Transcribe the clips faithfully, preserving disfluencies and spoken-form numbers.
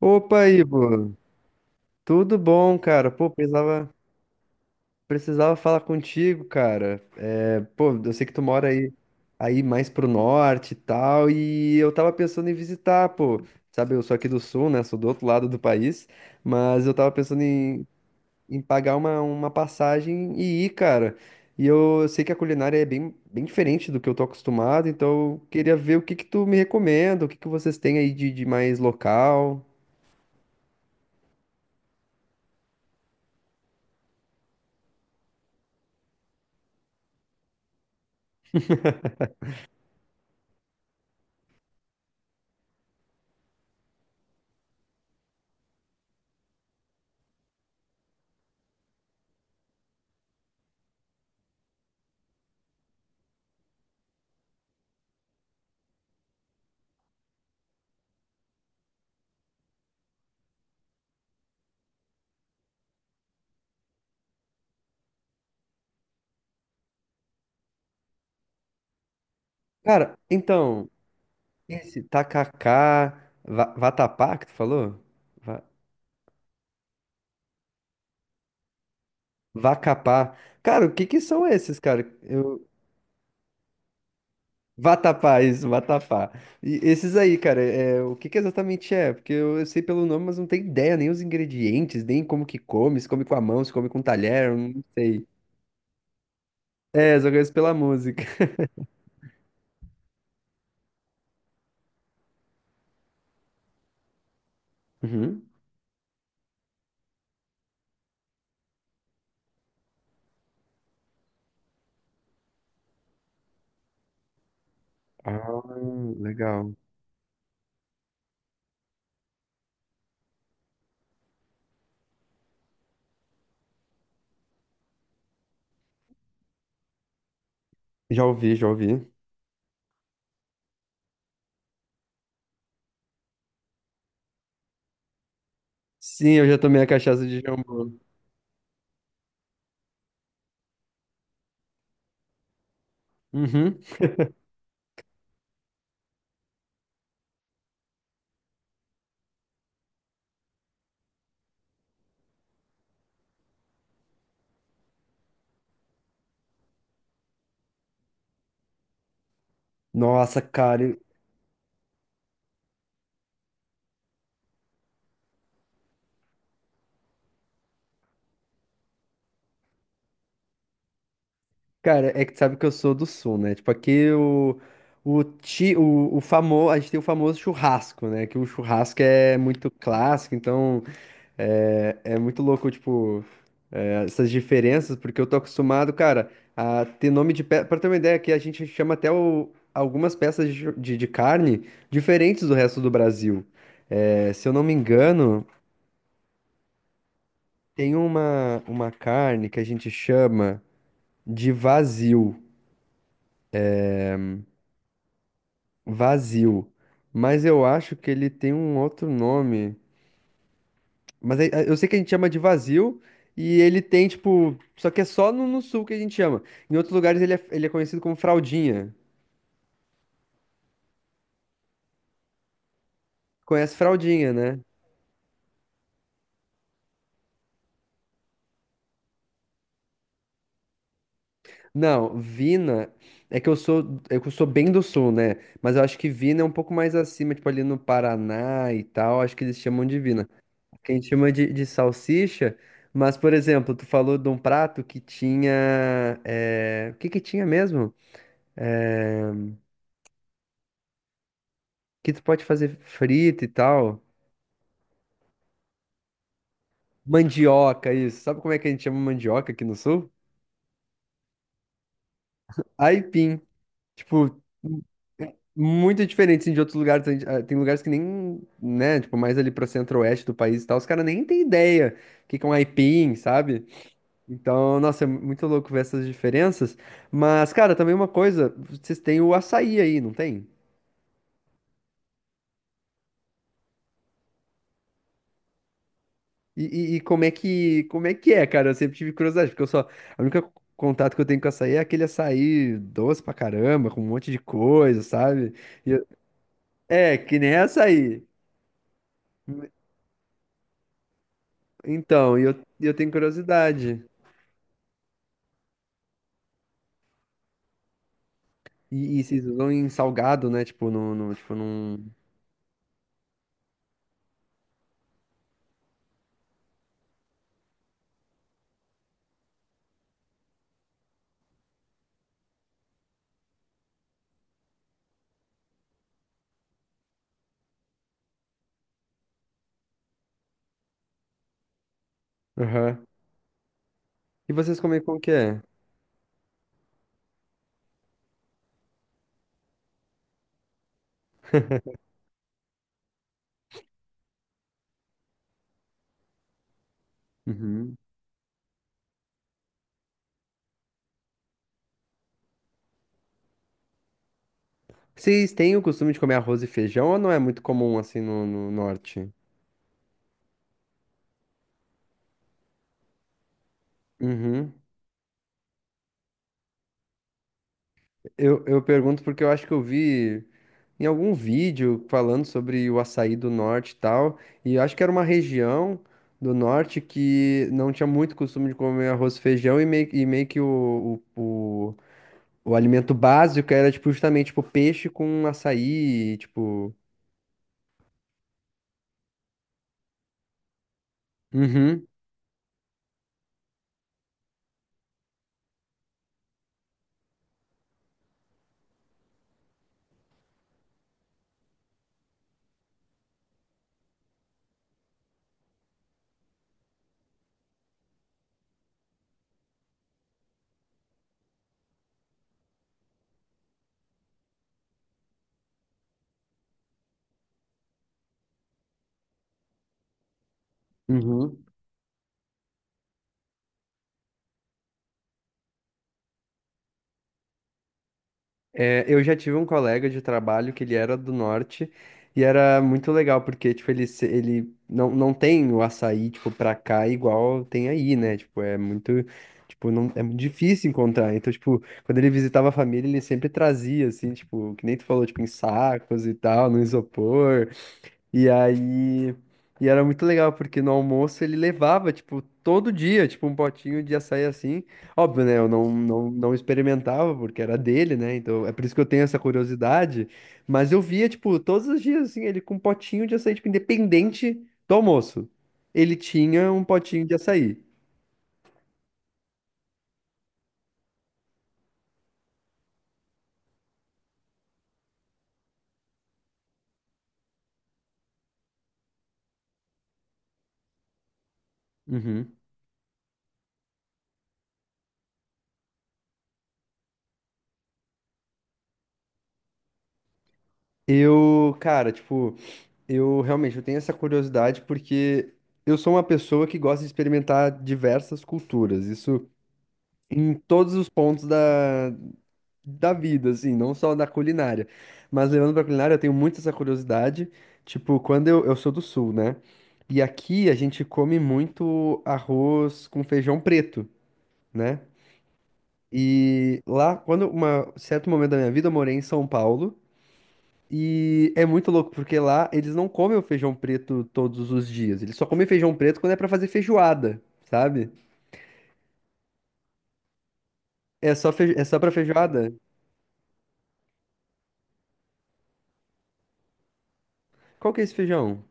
Opa, Ivo, tudo bom, cara? Pô, precisava, precisava falar contigo, cara. É, pô, eu sei que tu mora aí, aí mais pro norte e tal, e eu tava pensando em visitar, pô. Sabe, eu sou aqui do sul, né? Sou do outro lado do país, mas eu tava pensando em, em pagar uma, uma passagem e ir, cara. E eu, sei que a culinária é bem, bem diferente do que eu tô acostumado, então eu queria ver o que que tu me recomenda, o que que vocês têm aí de, de mais local. Cara, então. Esse tacacá, va- vatapá que tu falou? Va- Vacapá. Cara, o que que são esses, cara? Eu... Vatapá, isso, vatapá. E esses aí, cara, é... o que que exatamente é? Porque eu, eu sei pelo nome, mas não tenho ideia nem os ingredientes, nem como que come, se come com a mão, se come com um talher, eu não sei. É, só conheço pela música. Uhum. Ah, legal. Já ouvi, já ouvi. Sim, eu já tomei a cachaça de jambu. Uhum. Nossa, cara, cara, é que tu sabe que eu sou do sul, né? Tipo, aqui o, o, ti, o, o famoso, a gente tem o famoso churrasco, né? Que o churrasco é muito clássico, então é, é muito louco, tipo, é, essas diferenças, porque eu tô acostumado, cara, a ter nome de peça. Pra ter uma ideia, aqui a gente chama até o- algumas peças de, chu- de, de carne diferentes do resto do Brasil. É, se eu não me engano, tem uma, uma carne que a gente chama de vazio. Vazio. Mas eu acho que ele tem um outro nome. Mas aí- eu sei que a gente chama de vazio e ele tem, tipo. Só que é só no, no sul que a gente chama. Em outros lugares ele é, ele é conhecido como fraldinha. Conhece fraldinha, né? Não, Vina é que eu sou, é que eu sou bem do sul, né? Mas eu acho que Vina é um pouco mais acima, tipo ali no Paraná e tal, acho que eles chamam de Vina. Que a gente chama de, de salsicha, mas por exemplo, tu falou de um prato que tinha, é, o que que tinha mesmo? É, que tu pode fazer frita e tal. Mandioca, isso. Sabe como é que a gente chama mandioca aqui no sul? Aipim. Tipo, m- muito diferente assim, de outros lugares. A gente- ah, tem lugares que nem, né? Tipo, mais ali pro centro-oeste do país e tal. Os caras nem têm ideia o que que é um aipim, sabe? Então, nossa, é muito louco ver essas diferenças. Mas, cara, também uma coisa, vocês têm o açaí aí, não tem? E, e- e como é que, como é que é, cara? Eu sempre tive curiosidade, porque eu só, a única contato que eu tenho com açaí é aquele açaí doce pra caramba, com um monte de coisa, sabe? E eu- É, que nem açaí. Então, e eu, e eu tenho curiosidade. E, e vocês usam em salgado, né? Tipo, no, no- tipo, num... Aham. E vocês comem como que é? Uhum. Vocês têm o costume de comer arroz e feijão ou não é muito comum assim no, no norte? Uhum. Eu, eu pergunto porque eu acho que eu vi em algum vídeo falando sobre o açaí do norte e tal. E eu acho que era uma região do norte que não tinha muito costume de comer arroz e feijão e meio, e meio que o, o, o, o alimento básico era, tipo, justamente, tipo, peixe com açaí, tipo... Uhum, uhum. É, eu já tive um colega de trabalho que ele era do norte e era muito legal, porque, tipo, ele, se- ele não, não tem o açaí, tipo, pra cá igual tem aí, né? Tipo, é muito, tipo, não, é muito difícil encontrar. Então, tipo, quando ele visitava a família, ele sempre trazia, assim, tipo, que nem tu falou, tipo, em sacos e tal, no isopor. E aí. E era muito legal, porque no almoço ele levava, tipo, todo dia, tipo, um potinho de açaí assim. Óbvio, né? Eu não, não, não experimentava, porque era dele, né? Então é por isso que eu tenho essa curiosidade. Mas eu via, tipo, todos os dias, assim, ele com um potinho de açaí, tipo, independente do almoço. Ele tinha um potinho de açaí. Uhum. Eu, cara, tipo, eu realmente eu tenho essa curiosidade porque eu sou uma pessoa que gosta de experimentar diversas culturas. Isso. Em todos os pontos da, da vida, assim, não só da culinária. Mas levando pra culinária, eu tenho muito essa curiosidade. Tipo, quando eu, eu sou do sul, né? E aqui a gente come muito arroz com feijão preto, né? E lá, quando uma certo momento da minha vida, eu morei em São Paulo. E é muito louco, porque lá eles não comem o feijão preto todos os dias. Eles só comem feijão preto quando é pra fazer feijoada, sabe? É só, feijo... é só pra feijoada? Qual que é esse feijão?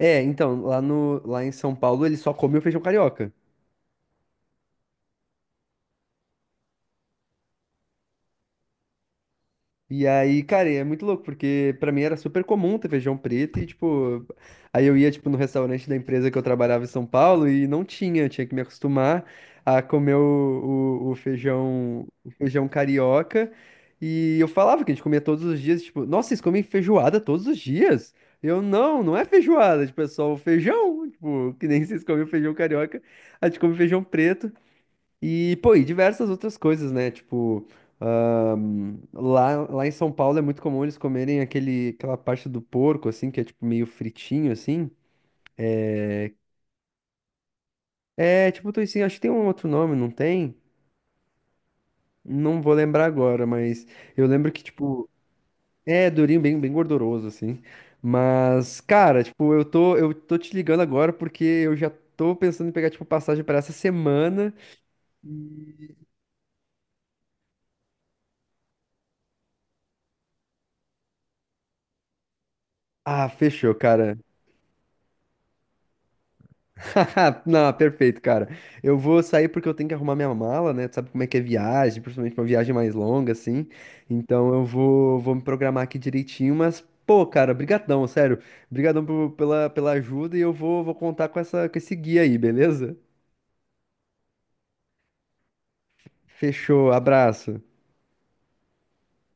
É, então, lá no, lá em São Paulo ele só come o feijão carioca. E aí, cara, é muito louco, porque pra mim era super comum ter feijão preto e, tipo, aí eu ia, tipo, no restaurante da empresa que eu trabalhava em São Paulo e não tinha, eu tinha que me acostumar a comer o, o, o feijão, o feijão carioca. E eu falava que a gente comia todos os dias, tipo, nossa, vocês comem feijoada todos os dias? Eu, não, não é feijoada, tipo, é só o feijão, tipo, que nem vocês comem o feijão carioca, a gente come feijão preto. E, pô, e diversas outras coisas, né? Tipo, ahn, lá, lá em São Paulo é muito comum eles comerem aquele, aquela parte do porco, assim, que é tipo meio fritinho, assim. É, tipo, toicinho, acho que tem um outro nome, não tem? Não vou lembrar agora, mas eu lembro que, tipo, é durinho, bem, bem gorduroso, assim. Mas, cara, tipo, eu tô, eu tô te ligando agora porque eu já tô pensando em pegar, tipo, passagem pra essa semana. Ah, fechou, cara. Não, perfeito, cara. Eu vou sair porque eu tenho que arrumar minha mala, né? Tu sabe como é que é viagem, principalmente uma viagem mais longa, assim. Então eu vou, vou me programar aqui direitinho, mas, pô, cara, brigadão, sério. Brigadão por- pela, pela ajuda e eu vou, vou contar com essa, com esse guia aí, beleza? Fechou, abraço.